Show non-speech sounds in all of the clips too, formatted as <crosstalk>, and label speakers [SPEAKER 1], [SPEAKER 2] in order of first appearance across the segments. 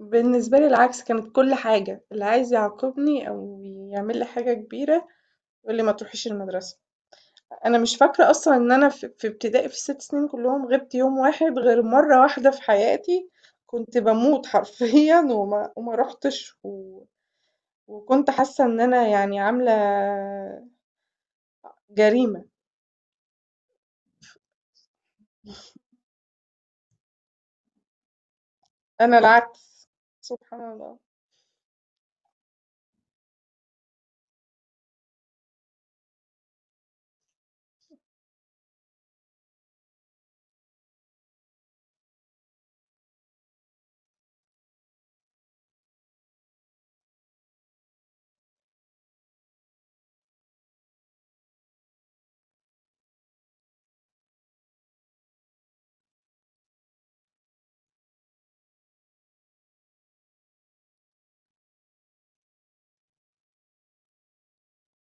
[SPEAKER 1] بالنسبة لي العكس، كانت كل حاجة، اللي عايز يعاقبني أو يعمل لي حاجة كبيرة يقول لي ما تروحيش المدرسة. أنا مش فاكرة أصلًا إن أنا في ابتدائي في ال6 سنين كلهم غِبت يوم واحد غير مرة واحدة في حياتي. كنت باموت حرفيًا وما رُحتش وكنت حاسة إن أنا يعني عاملة جريمة. أنا العكس. سبحان الله.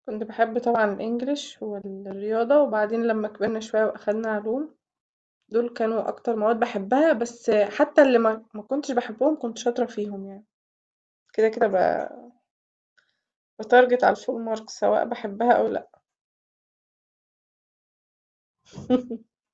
[SPEAKER 1] كنت باحب طبعًا الEnglish والرياضة، وبعدين لمّا كبرنا شوية وأخدنا علوم دول كانوا أكتر مواد باحبها. بس حتى اللي ما كنتش باحبهم كنت شاطرة فيهم يعني. كده، كده باتارجت على الfull marks سواء باحبها أو لأ. <laughs>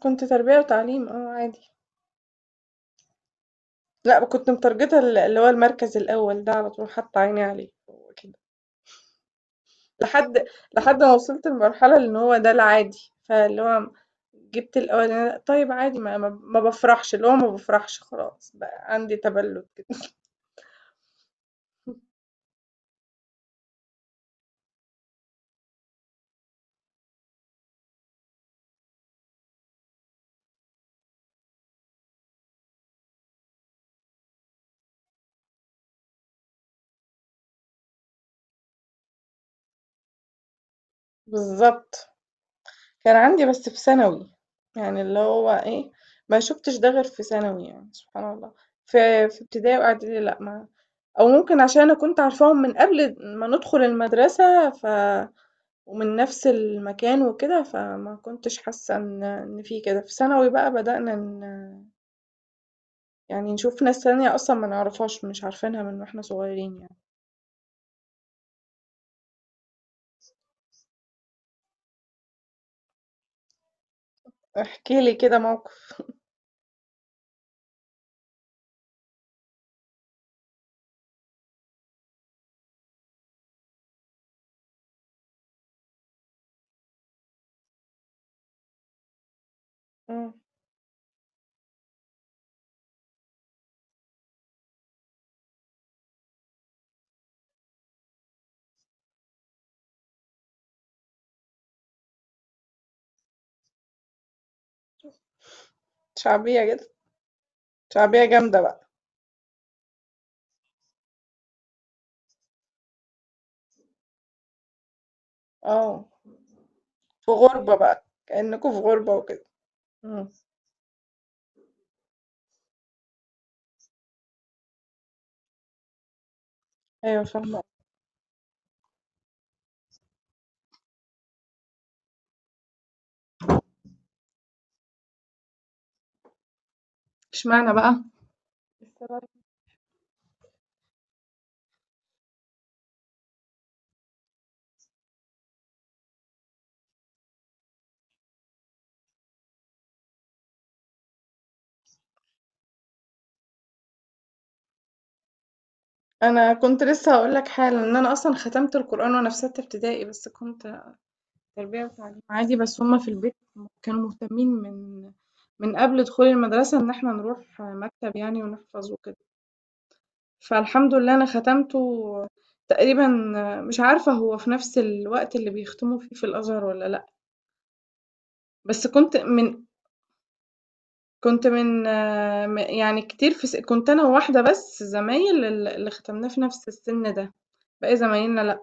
[SPEAKER 1] كنت تربية وتعليم عادي. لأ كنت متارجته اللي هو المركز الأول ده على طول حاطة عيني عليه. هو كده. لحد لحد ما وصلت لمرحلة إن هو ده العادي، فاللي هو جبت الأولاني طيب عادي ما بافرحش، اللي هو ما بافرحش خلاص بقى عندي تبلد كده. <laughs> بالضبط. كان عندي بس في ثانوي. يعني اللي هو إيه، ما شُفتش ده غير في ثانوي يعني سبحان الله. في ابتدائي وإعدادي لأ ما أو ممكن عشان أنا كنت عارفاهم من قبل ما ندخل المدرسة ومن نفس المكان وكده، فما كنتش حاسة إن في كده. في ثانوي بقى بدأنا يعني نشوف ناس تانية أصلًا ما نعرفهاش، مش عارفينها من وإحنا صغيرين يعني. احكِ لي كده موقف. إمم. شعبية جدًا. شعبية جامدة بقى. آه. في غُربة بقى، كأنكم في غُربة وكده. إمم. أيوه فاهمة. اشمعنى بقى السبب؟ أنا كنت لسه هاقول لك حالا إن أنا أصلا ختمت القرآن وأنا في ستة ابتدائي، بس كنت تربية وتعليم عادي، بس هما في البيت كانوا مهتمين من من قبل دخول المدرسة إن احنا نروح مكتب يعني ونحفظ وكده. فالحمد لله أنا ختمته تقريبا. مش عارفة هو في نفس الوقت اللي بيختموا فيه في الأزهر ولا لأ. بس كنت من كنت من آه، م يعني كتير، في كنت أنا وواحدة بس زمايل اللي ختمناه في نفس السن ده. باقي زمايلنا لأ.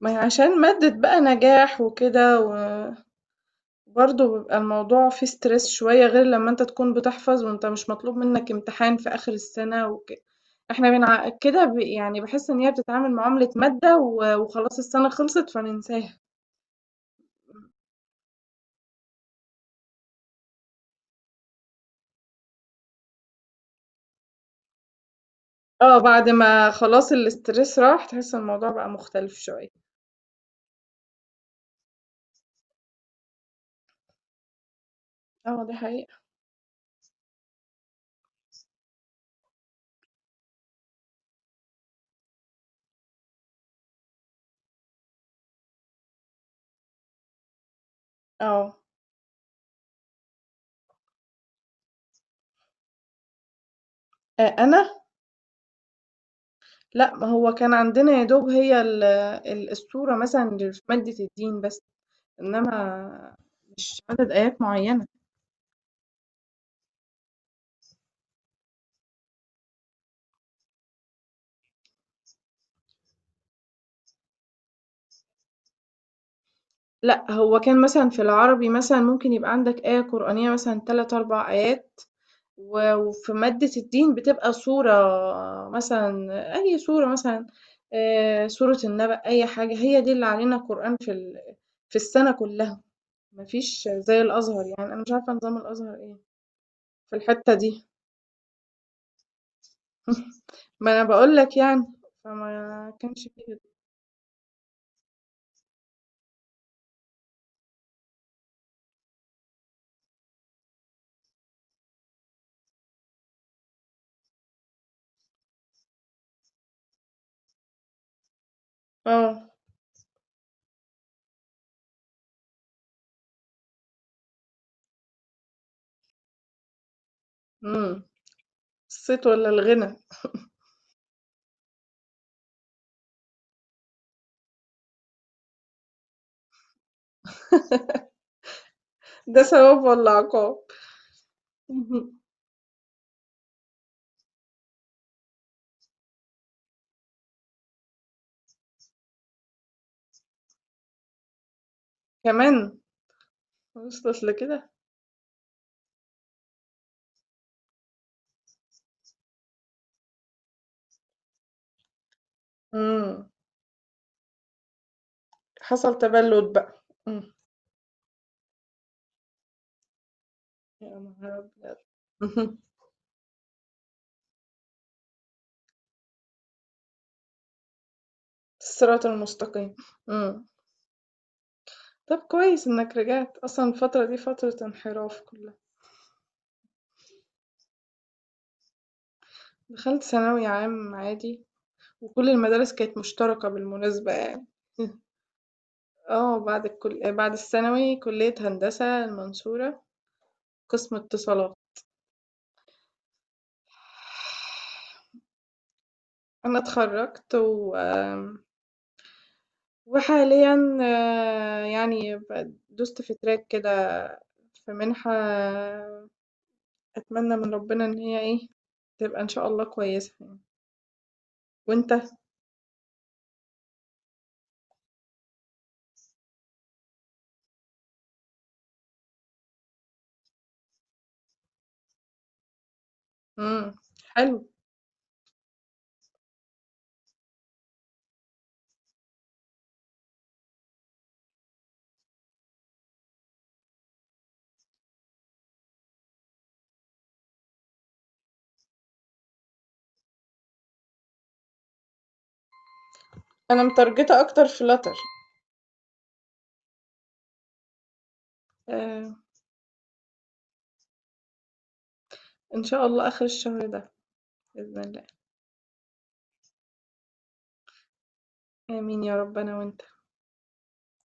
[SPEAKER 1] ما هي عشان مادة بقى نجاح وكده، و برضه بيبقى الموضوع فيه stress شوية، غير لمّا أنت تكون بتحفظ وأنت مش مطلوب منك امتحان في آخر السنة وك إحنا بنع كده ب يعني باحس إن هي بتتعامل معاملة مادة و وخلاص السنة خلصت فننساها. آه، بعد ما خلاص الstress راح تحس الموضوع بقى مختلف شوية. آه، دي حقيقة. آه. أنا؟ لأ، ما هو كان عندنا يا دوب هي ال ال الصورة مثلًا اللي في مادة الدين بس، إنما مش عدد آيات معيّنة. لأ، هو كان مثلًا في العربي مثلًا ممكن يبقى عندك آية قرآنية مثلًا 3، 4 آيات، وفي مادة الدين بتبقى صورة مثلًا، أي صورة مثلًا، سورة النبأ، أي حاجة، هي دي اللي علينا قرآن في في السنة كلها. ما فيش زي الأزهر يعني. أنا مش عارفة نظام الأزهر إيه في الحتّة دي. <laughs> ما أنا باقول لك يعني، فما كانش في كده. آه. إمم. الصيت والّا الغنى. ده ثواب والّا عقاب؟ <laughs> اهم. كمان! وصلت لكده؟ إمم. حصل تبلّد بقى. إمم. يا نهار أبيض! <laughs> اهم. الصراط المستقيم. إمم. طب كويس إنك رجعت، أصلًا الفترة دي فترة انحراف كلّها. دخلت ثانوي عام عادي، وكل المدارس كانت مشتركة بالمناسبة يعني. <laughs> آه، بعد الثانوي كلية هندسة المنصورة قسم اتصالات. أنا اتخرّجت وحاليًا آه، يعني دُست في track كده في مِنحة. أتمنى من ربنا إن هي إيه، تبقى إن شاء الله كويسة يعني. وأنت؟ إمم. حلو. أنا متارجتة أكتر flutter. آآ، إن شاء الله آخر الشهر ده بإذن الله. آمين يا رب أنا وأنت.